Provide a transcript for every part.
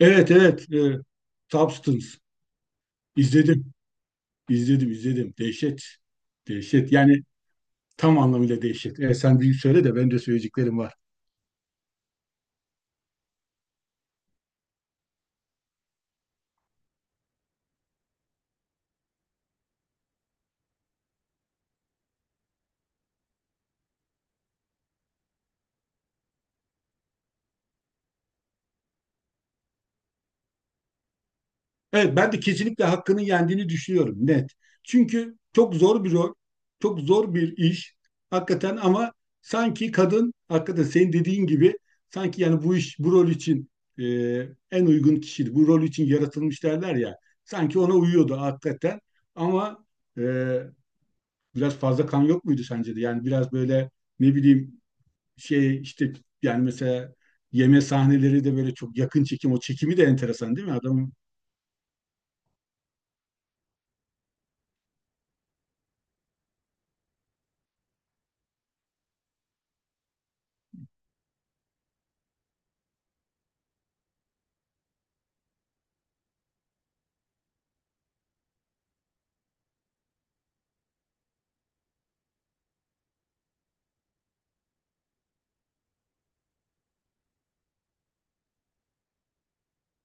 Evet evet. Substance. İzledim. İzledim. Dehşet. Dehşet. Yani tam anlamıyla dehşet. Evet sen bir söyle de ben de söyleyeceklerim var. Evet, ben de kesinlikle hakkının yendiğini düşünüyorum net. Çünkü çok zor bir rol, çok zor bir iş hakikaten ama sanki kadın hakikaten senin dediğin gibi sanki yani bu iş bu rol için e, en uygun kişiydi. Bu rol için yaratılmış derler ya. Sanki ona uyuyordu hakikaten ama e, biraz fazla kan yok muydu sence de? Yani biraz böyle ne bileyim şey işte yani mesela yeme sahneleri de böyle çok yakın çekim o çekimi de enteresan değil mi? Adamın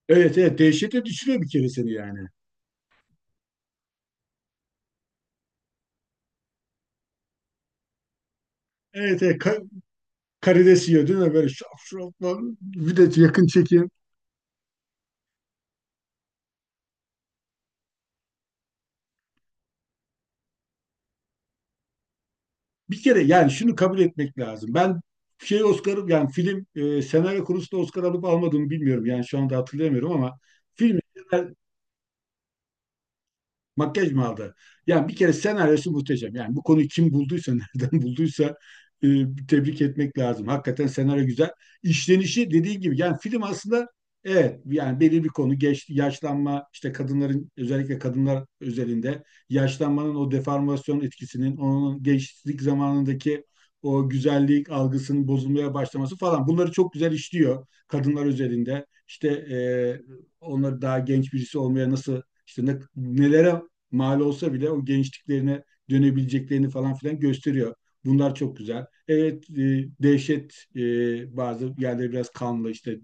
evet evet dehşete düşürüyor bir kere seni yani. Evet evet karides yiyor değil mi? Böyle şaf şaf falan. Bir de yakın çekim. Bir kere yani şunu kabul etmek lazım. Ben şey Oscar'ı yani film senaryo konusunda Oscar alıp almadığımı bilmiyorum. Yani şu anda hatırlayamıyorum ama film makyaj mı aldı? Yani bir kere senaryosu muhteşem. Yani bu konuyu kim bulduysa, nereden bulduysa e, tebrik etmek lazım. Hakikaten senaryo güzel. İşlenişi dediğin gibi yani film aslında evet yani belirli bir konu geç, yaşlanma işte kadınların özellikle kadınlar özelinde yaşlanmanın o deformasyon etkisinin onun gençlik zamanındaki o güzellik algısının bozulmaya başlaması falan bunları çok güzel işliyor kadınlar özelinde. İşte onları daha genç birisi olmaya nasıl işte nelere mal olsa bile o gençliklerine dönebileceklerini falan filan gösteriyor. Bunlar çok güzel. Evet, dehşet bazı yerleri biraz kanlı işte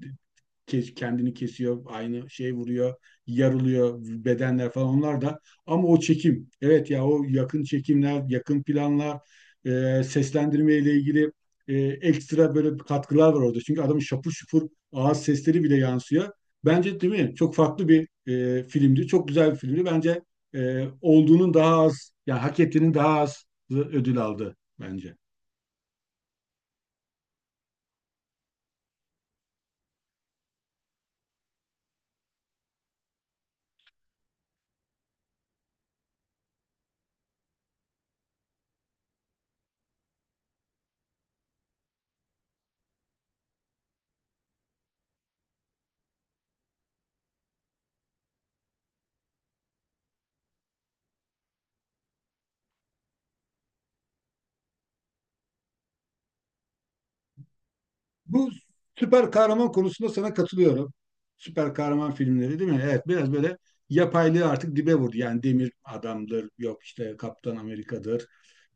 kendini kesiyor, aynı şey vuruyor, yarılıyor bedenler falan onlar da. Ama o çekim, evet ya o yakın çekimler, yakın planlar, seslendirme ile ilgili ekstra böyle katkılar var orada. Çünkü adamın şapur şupur ağız sesleri bile yansıyor. Bence değil mi? Çok farklı bir filmdi. Çok güzel bir filmdi. Bence olduğunun daha az, yani hak ettiğinin daha az ödül aldı bence. Bu süper kahraman konusunda sana katılıyorum. Süper kahraman filmleri değil mi? Evet biraz böyle yapaylığı artık dibe vurdu. Yani Demir Adam'dır, yok işte Kaptan Amerika'dır,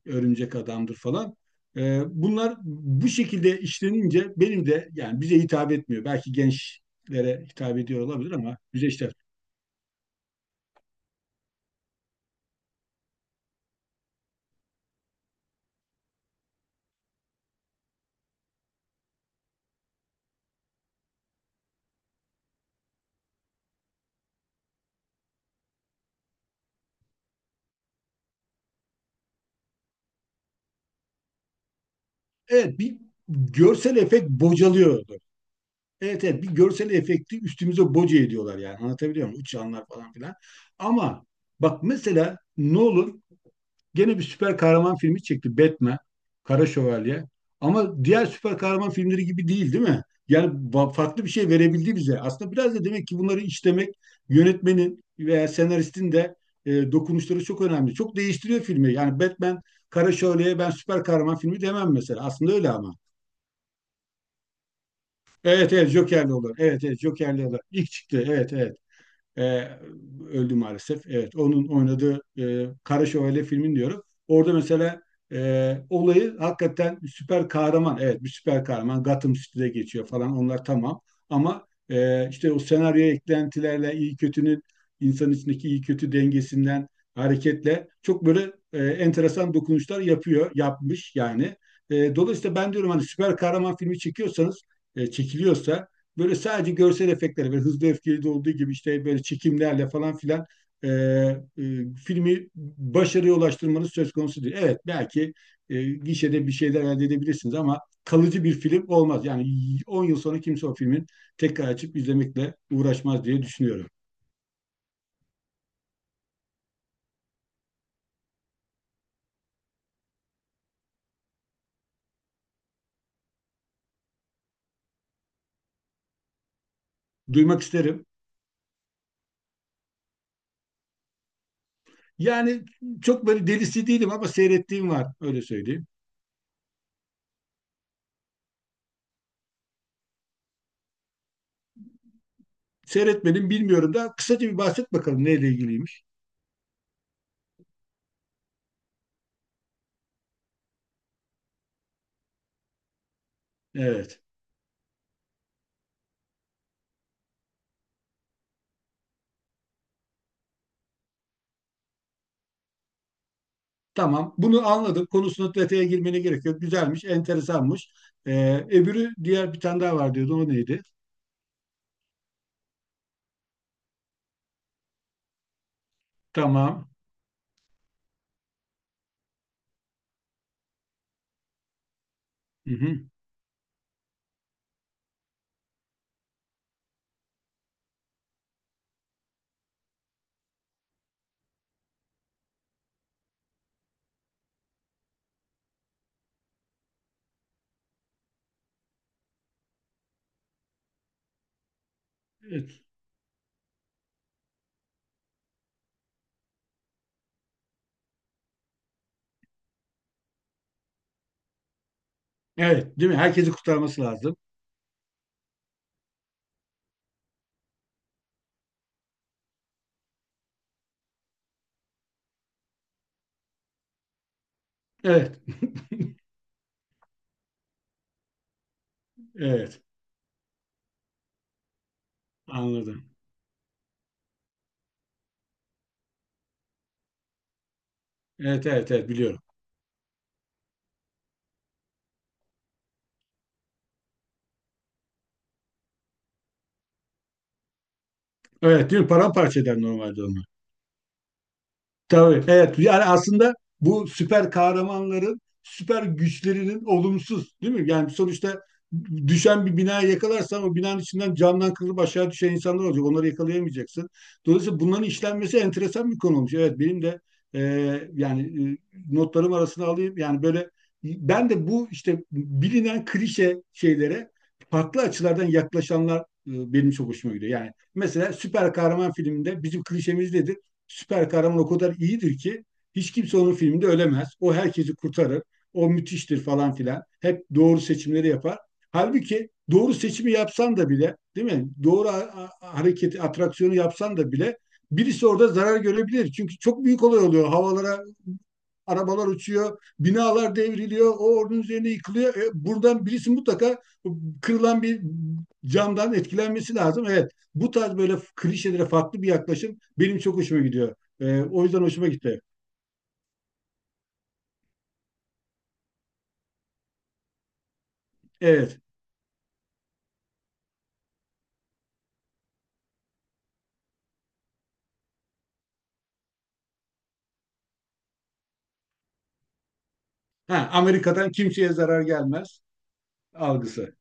Örümcek Adam'dır falan. Bunlar bu şekilde işlenince benim de yani bize hitap etmiyor. Belki gençlere hitap ediyor olabilir ama bize işte. Evet bir görsel efekt bocalıyordu. Evet evet bir görsel efekti üstümüze boca ediyorlar yani anlatabiliyor muyum? Uçanlar falan filan. Ama bak mesela ne olur gene bir süper kahraman filmi çekti. Batman, Kara Şövalye. Ama diğer süper kahraman filmleri gibi değil, değil mi? Yani farklı bir şey verebildi bize. Aslında biraz da demek ki bunları işlemek yönetmenin veya senaristin de dokunuşları çok önemli. Çok değiştiriyor filmi. Yani Batman, Kara Şövalye'ye ben süper kahraman filmi demem mesela. Aslında öyle ama. Evet evet Joker'li olur. Evet evet Joker'li olur. İlk çıktı. Evet evet. E, Öldü maalesef. Evet, onun oynadığı Kara Şövalye filmin diyorum. Orada mesela olayı hakikaten bir süper kahraman. Evet, bir süper kahraman. Gotham City'de geçiyor falan. Onlar tamam. Ama işte o senaryoya eklentilerle iyi kötünün insan içindeki iyi kötü dengesinden hareketle çok böyle enteresan dokunuşlar yapıyor, yapmış yani. Dolayısıyla ben diyorum hani süper kahraman filmi çekiyorsanız, çekiliyorsa böyle sadece görsel efektleri, böyle Hızlı ve Öfkeli'de olduğu gibi işte böyle çekimlerle falan filan e, e, filmi başarıya ulaştırmanız söz konusu değil. Evet belki gişede bir şeyler elde edebilirsiniz ama kalıcı bir film olmaz. Yani 10 yıl sonra kimse o filmin tekrar açıp izlemekle uğraşmaz diye düşünüyorum. Duymak isterim. Yani çok böyle delisi değilim ama seyrettiğim var öyle söyleyeyim. Seyretmedim bilmiyorum da kısaca bir bahset bakalım neyle ilgiliymiş. Evet. Tamam, bunu anladım. Konusuna detaya girmene gerek yok. Güzelmiş, enteresanmış. Öbürü diğer bir tane daha var diyordu. O neydi? Tamam. Hı hı. Evet. Evet, değil mi? Herkesi kurtarması lazım. Evet, evet. Anladım. Evet, evet, evet biliyorum. Evet, değil mi? Paramparça eder normalde onu. Tabii, evet. Yani aslında bu süper kahramanların süper güçlerinin olumsuz, değil mi? Yani sonuçta düşen bir binaya yakalarsan o binanın içinden camdan kırılıp aşağı düşen insanlar olacak. Onları yakalayamayacaksın. Dolayısıyla bunların işlenmesi enteresan bir konu olmuş. Evet, benim de e, yani notlarım arasına alayım. Yani böyle ben de bu işte bilinen klişe şeylere farklı açılardan yaklaşanlar benim çok hoşuma gidiyor. Yani mesela süper kahraman filminde bizim klişemiz nedir? Süper kahraman o kadar iyidir ki hiç kimse onun filminde ölemez. O herkesi kurtarır. O müthiştir falan filan. Hep doğru seçimleri yapar. Halbuki doğru seçimi yapsan da bile, değil mi? Doğru hareketi, atraksiyonu yapsan da bile birisi orada zarar görebilir. Çünkü çok büyük olay oluyor. Havalara arabalar uçuyor, binalar devriliyor, o onun üzerine yıkılıyor. Buradan birisi mutlaka kırılan bir camdan etkilenmesi lazım. Evet, bu tarz böyle klişelere farklı bir yaklaşım benim çok hoşuma gidiyor. O yüzden hoşuma gitti. Evet, ha, Amerika'dan kimseye zarar gelmez algısı.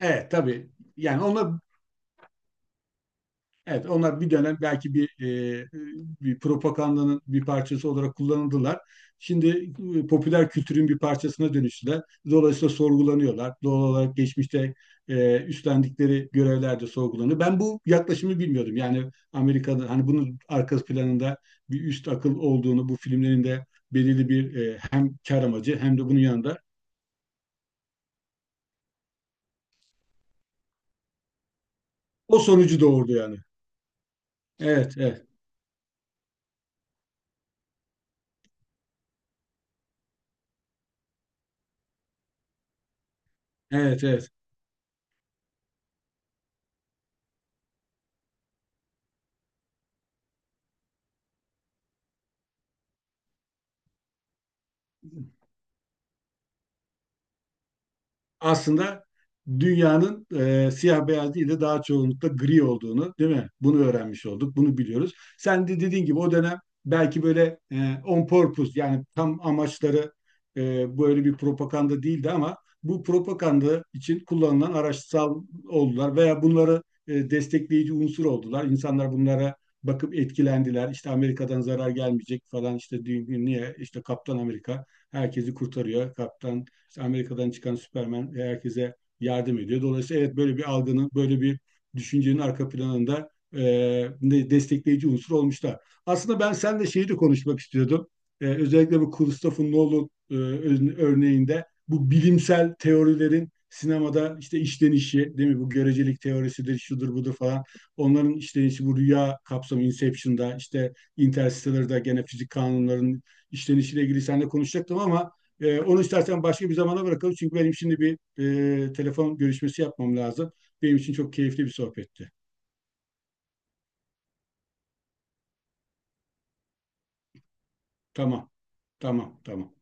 Evet, tabii. Yani ona evet, onlar bir dönem belki bir, e, bir propagandanın bir parçası olarak kullanıldılar. Şimdi popüler kültürün bir parçasına dönüştüler. Dolayısıyla sorgulanıyorlar. Doğal olarak geçmişte üstlendikleri görevler de sorgulanıyor. Ben bu yaklaşımı bilmiyordum. Yani Amerika'da hani bunun arka planında bir üst akıl olduğunu, bu filmlerin de belirli bir hem kar amacı hem de bunun yanında o sonucu doğurdu yani. Evet, evet, evet, evet. Aslında dünyanın siyah beyaz değil de daha çoğunlukla gri olduğunu, değil mi? Bunu öğrenmiş olduk, bunu biliyoruz. Sen de dediğin gibi o dönem belki böyle on purpose yani tam amaçları böyle bir propaganda değildi ama bu propaganda için kullanılan araçsal oldular veya bunları destekleyici unsur oldular. İnsanlar bunlara bakıp etkilendiler. İşte Amerika'dan zarar gelmeyecek falan işte niye işte Kaptan Amerika herkesi kurtarıyor. Kaptan işte Amerika'dan çıkan Superman herkese yardım ediyor. Dolayısıyla evet böyle bir algının, böyle bir düşüncenin arka planında destekleyici unsur olmuşlar. Aslında ben seninle şeyi de konuşmak istiyordum. Özellikle bu Christopher Nolan örneğinde bu bilimsel teorilerin sinemada işte işlenişi, değil mi? Bu görecelik teorisidir, şudur budur falan. Onların işlenişi bu rüya kapsamı Inception'da, işte Interstellar'da gene fizik kanunlarının işlenişiyle ilgili seninle konuşacaktım ama onu istersen başka bir zamana bırakalım. Çünkü benim şimdi bir telefon görüşmesi yapmam lazım. Benim için çok keyifli bir sohbetti. Tamam, tamam.